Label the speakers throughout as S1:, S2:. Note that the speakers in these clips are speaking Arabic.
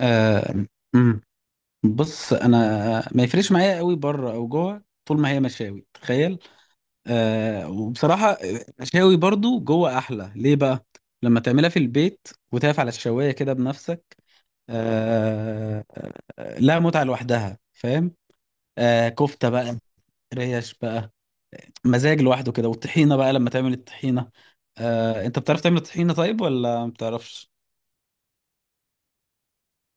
S1: آه. أمم. بص انا ما يفرقش معايا قوي بره او جوه، طول ما هي مشاوي تخيل. وبصراحه مشاوي برضو جوه احلى، ليه بقى؟ لما تعملها في البيت وتقف على الشوايه كده بنفسك. آه. لها متعه لوحدها فاهم. كفته بقى، ريش بقى، مزاج لوحده كده. والطحينه بقى لما تعمل الطحينه. انت بتعرف تعمل الطحينه طيب ولا ما بتعرفش؟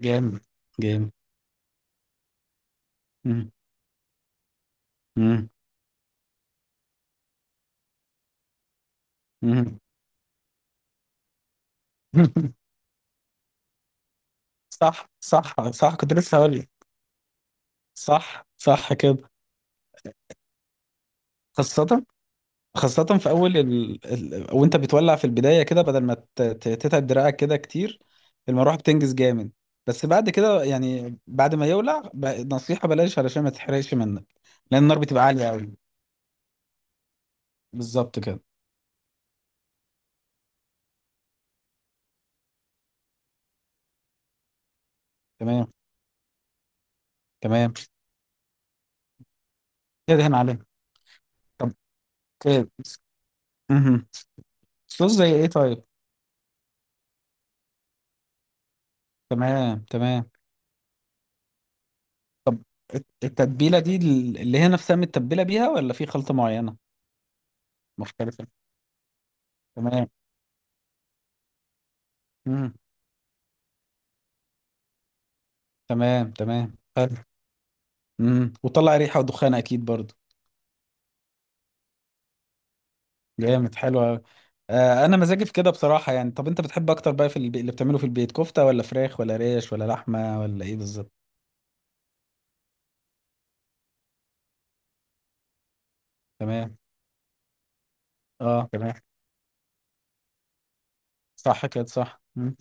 S1: جامد. جامد. أمم. أمم. أمم. صح صح صح، كنت لسه هقول لك. صح صح كده. خاصة خاصة في أول وأنت بتولع في البداية كده، بدل ما تتعب دراعك كده كتير. المروحة بتنجز جامد. بس بعد كده يعني بعد ما يولع. نصيحة بلاش علشان ما تحرقش منك. لأن النار بتبقى عالية أوي. بالظبط كده. تمام تمام. كده هنا عليه. طب. كده. مهم. صوص زي إيه طيب؟ تمام تمام. طب التتبيلة دي اللي هي نفسها متبلة بيها، ولا في خلطة معينة مختلفة؟ تمام. امم. تمام تمام حلو. وطلع ريحه ودخان اكيد برضو. جامد حلو أوي. انا مزاجي في كده بصراحه يعني. طب انت بتحب اكتر بقى في اللي بتعمله في البيت؟ كفته ولا فراخ ولا ريش ولا لحمه ولا ايه بالظبط؟ تمام. اه تمام. صح كده صح مم.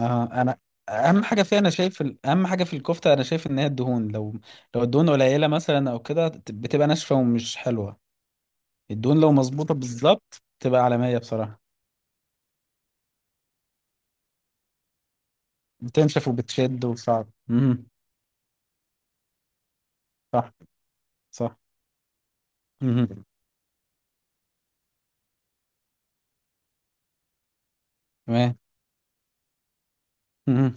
S1: اه انا اهم حاجه في الكفته انا شايف ان هي الدهون، لو الدهون قليله مثلا او كده بتبقى ناشفه ومش حلوه. الدهون لو مظبوطه بالظبط تبقى عالميه بصراحه. بتنشف وبتشد وصعب. صح. مهم. تمام. مهم.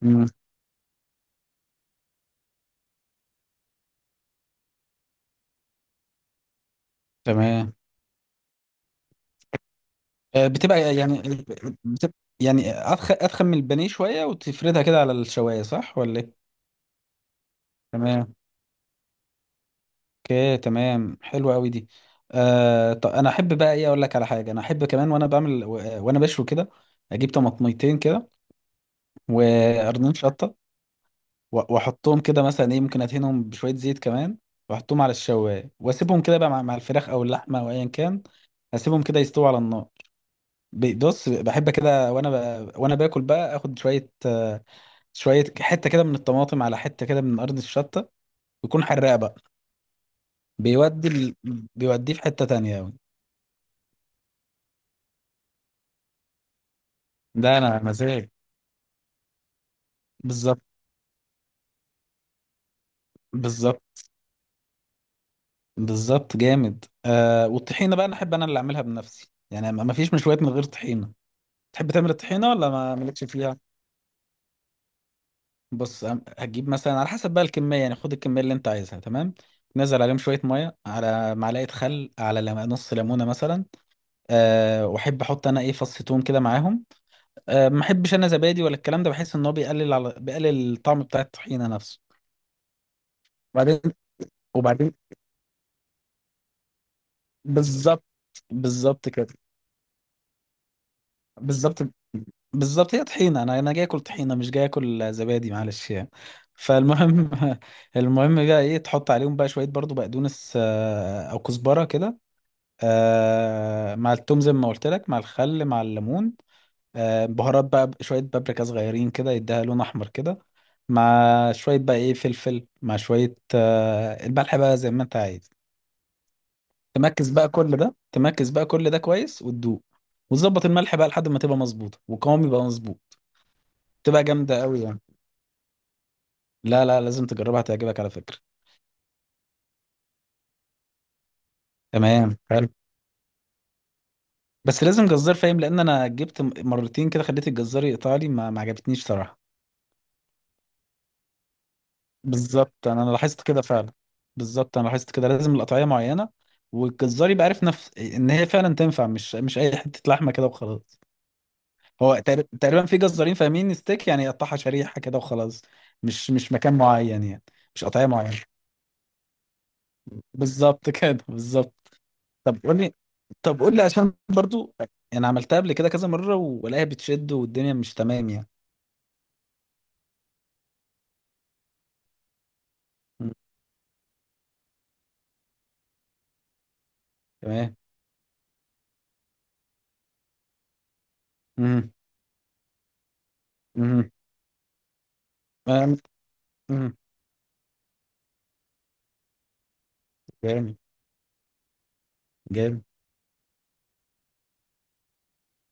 S1: مهم. تمام. آه، بتبقى يعني بتبقى يعني أضخم أضخم من البانيه شوية، وتفردها كده على الشواية، صح ولا إيه؟ تمام. اوكي تمام حلوة أوي دي. طب أنا أحب بقى إيه، أقول لك على حاجة أنا أحب كمان وأنا بعمل وأنا بشوي كده. أجيب طماطميتين كده وقرنين شطة وأحطهم كده مثلا، إيه ممكن أدهنهم بشوية زيت كمان، وأحطهم على الشواية وأسيبهم كده بقى مع الفراخ أو اللحمة أو أيا كان. أسيبهم كده يستووا على النار. بص بحب كده، وانا باكل بقى اخد شويه، شويه حته كده من الطماطم، على حته كده من ارض الشطه يكون حراق بقى. بيودي ال... بيوديه في حته تانية أوي. ده انا مزاج. بالظبط. بالظبط. بالظبط جامد. والطحينه بقى انا احب انا اللي اعملها بنفسي يعني، ما فيش مشويات من غير طحينه. تحب تعمل الطحينه ولا ما مالكش فيها؟ بص هتجيب مثلا على حسب بقى الكميه، يعني خد الكميه اللي انت عايزها تمام، تنزل عليهم شويه ميه، على معلقه خل، على نص ليمونه مثلا. أه واحب احط انا ايه فص توم كده معاهم. أه ما احبش انا زبادي ولا الكلام ده، بحس ان هو بيقلل الطعم بتاع الطحينه نفسه. وبعدين. وبعدين. بالظبط. بالظبط كده. بالظبط. بالظبط هي طحينه، انا جاي اكل طحينه مش جاي اكل زبادي معلش يعني. فالمهم. المهم بقى ايه، تحط عليهم بقى شويه برضو بقدونس، او كزبره كده، مع التوم زي ما قلت لك، مع الخل، مع الليمون، بهارات بقى شوية بابريكا صغيرين كده يديها لون أحمر كده، مع شوية بقى إيه فلفل، مع شوية الملح بقى زي ما أنت عايز. تمركز بقى كل ده كويس وتدوق، وتظبط الملح بقى لحد ما تبقى مظبوطة وقوام يبقى مظبوط. تبقى جامدة قوي يعني. لا لا، لازم تجربها هتعجبك على فكرة. تمام حلو. بس لازم جزار فاهم، لأن أنا جبت مرتين كده خليت الجزار يقطع لي ما عجبتنيش صراحة. بالظبط انا لاحظت كده فعلا. بالظبط انا لاحظت كده، لازم القطعيه معينه، والجزار يبقى عارف نفس ان هي فعلا تنفع، مش اي حته لحمه كده وخلاص. هو تقريبا في جزارين فاهمين ستيك يعني، يقطعها شريحه كده وخلاص. مش مكان معين يعني، مش قطعيه معينه. بالظبط كده بالظبط. طب قول لي طب قول لي عشان برضو، انا عملتها قبل كده كذا مره والاقيها بتشد والدنيا مش تمام يعني. مم. تمام. امم. امم. جامد جامد.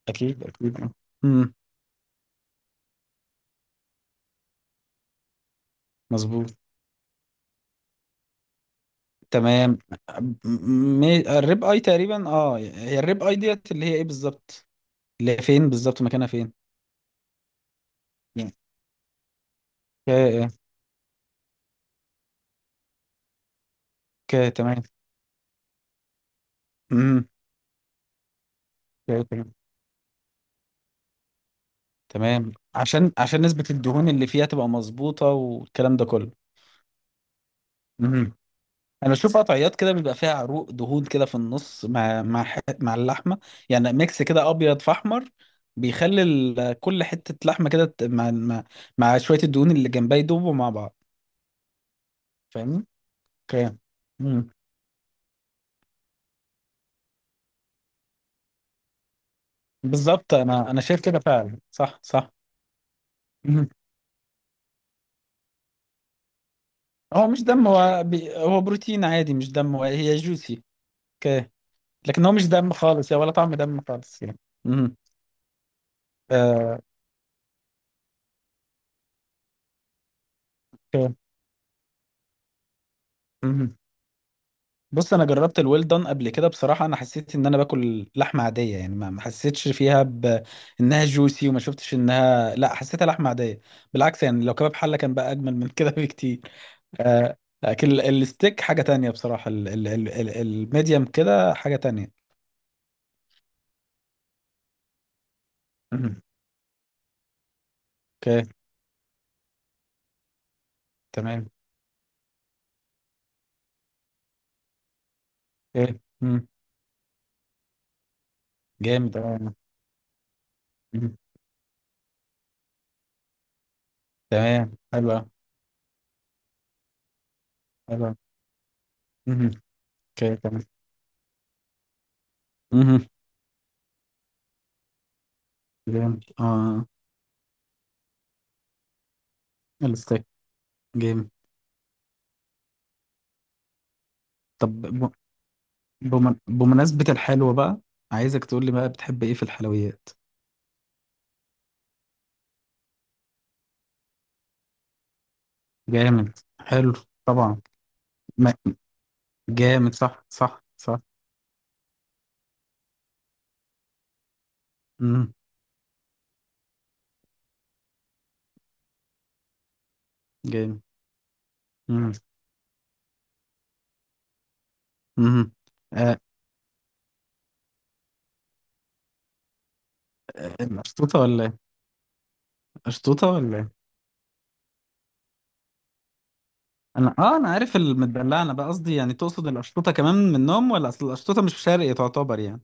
S1: اكيد اكيد. مم. مظبوط. تمام. الريب اي تقريبا. اه هي الريب اي ديت اللي هي ايه بالظبط؟ اللي هي فين بالظبط، مكانها فين؟ يعني. ك ك تمام. امم. تمام. تمام، عشان نسبة الدهون اللي فيها تبقى مظبوطة والكلام ده كله. امم. انا بشوف قطعيات كده بيبقى فيها عروق دهون كده في النص، مع مع اللحمة يعني، ميكس كده ابيض في احمر، بيخلي كل حتة لحمة كده مع شوية الدهون اللي جنبها، يدوبوا مع بعض، فاهمني؟ اوكي. بالظبط انا شايف كده فعلا صح صح. مهم. هو مش دم، هو بروتين عادي مش دم، هو هي جوسي. اوكي. لكن هو مش دم خالص يعني ولا طعم دم خالص يعني. مهم. آه، اوكي. مهم. بص انا جربت الويل دون قبل كده بصراحه، انا حسيت ان انا باكل لحمه عاديه يعني، ما حسيتش فيها بانها جوسي، وما شفتش انها، لا حسيتها لحمه عاديه. بالعكس يعني، لو كباب حله كان بقى اجمل من كده بكتير. آه، لكن الستيك حاجه تانية بصراحه، الميديم كده حاجه تانية. اوكي. تمام. ايه مم. جامد اه. مم. تمام. حلوة. حلوة. مم. اوكي تمام. مم. جامد اه. الستيك. جامد. طب بمناسبة الحلوة بقى، عايزك تقول لي بقى بتحب ايه في الحلويات؟ جامد حلو. طبعا. ما-. جامد صح صح صح. مم. جامد. مم. مم. آه، مشطوطة ولا ايه؟ مشطوطة ولا ايه؟ انا عارف المدلعه، انا بقى قصدي يعني تقصد القشطوطه كمان منهم؟ ولا اصل القشطوطه مش شرقي تعتبر يعني.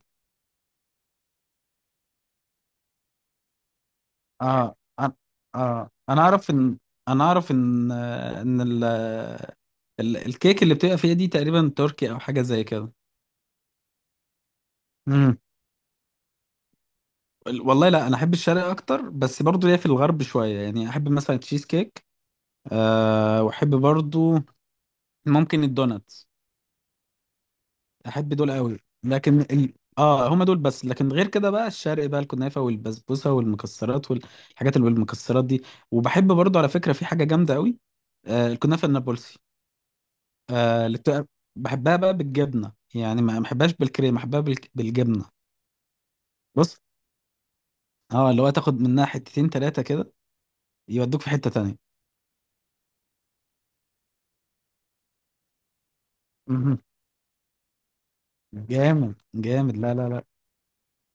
S1: اه انا اه انا اعرف ان ان الكيك اللي بتبقى فيها دي تقريبا تركي او حاجه زي كده. امم. والله لا، انا احب الشرق اكتر، بس برضو ليا في الغرب شويه يعني، احب مثلا تشيز كيك. أه واحب برضو ممكن الدونات. احب دول قوي. لكن ال... اه هما دول بس، لكن غير كده بقى الشرق بقى، الكنافه والبسبوسه والمكسرات والحاجات اللي بالمكسرات دي. وبحب برضو على فكره في حاجه جامده قوي، الكنافه النابلسي، آه اللي بتبقى- بحبها بقى بالجبنه يعني، ما بحبهاش بالكريمه، بحبها بالجبنه. بص اه اللي هو تاخد منها حتتين تلاتة كده، يودوك في حته تانية. مهم. جامد جامد لا لا لا.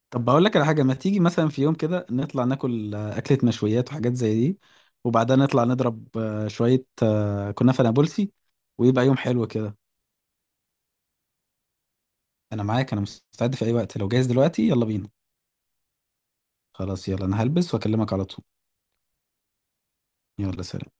S1: طب بقول لك على حاجة، ما تيجي مثلا في يوم كده نطلع ناكل أكلة مشويات وحاجات زي دي، وبعدها نطلع نضرب شوية كنافة نابلسي، ويبقى يوم حلو كده. أنا معاك، أنا مستعد في أي وقت، لو جاهز دلوقتي يلا بينا. خلاص يلا، أنا هلبس وأكلمك على طول. يلا سلام.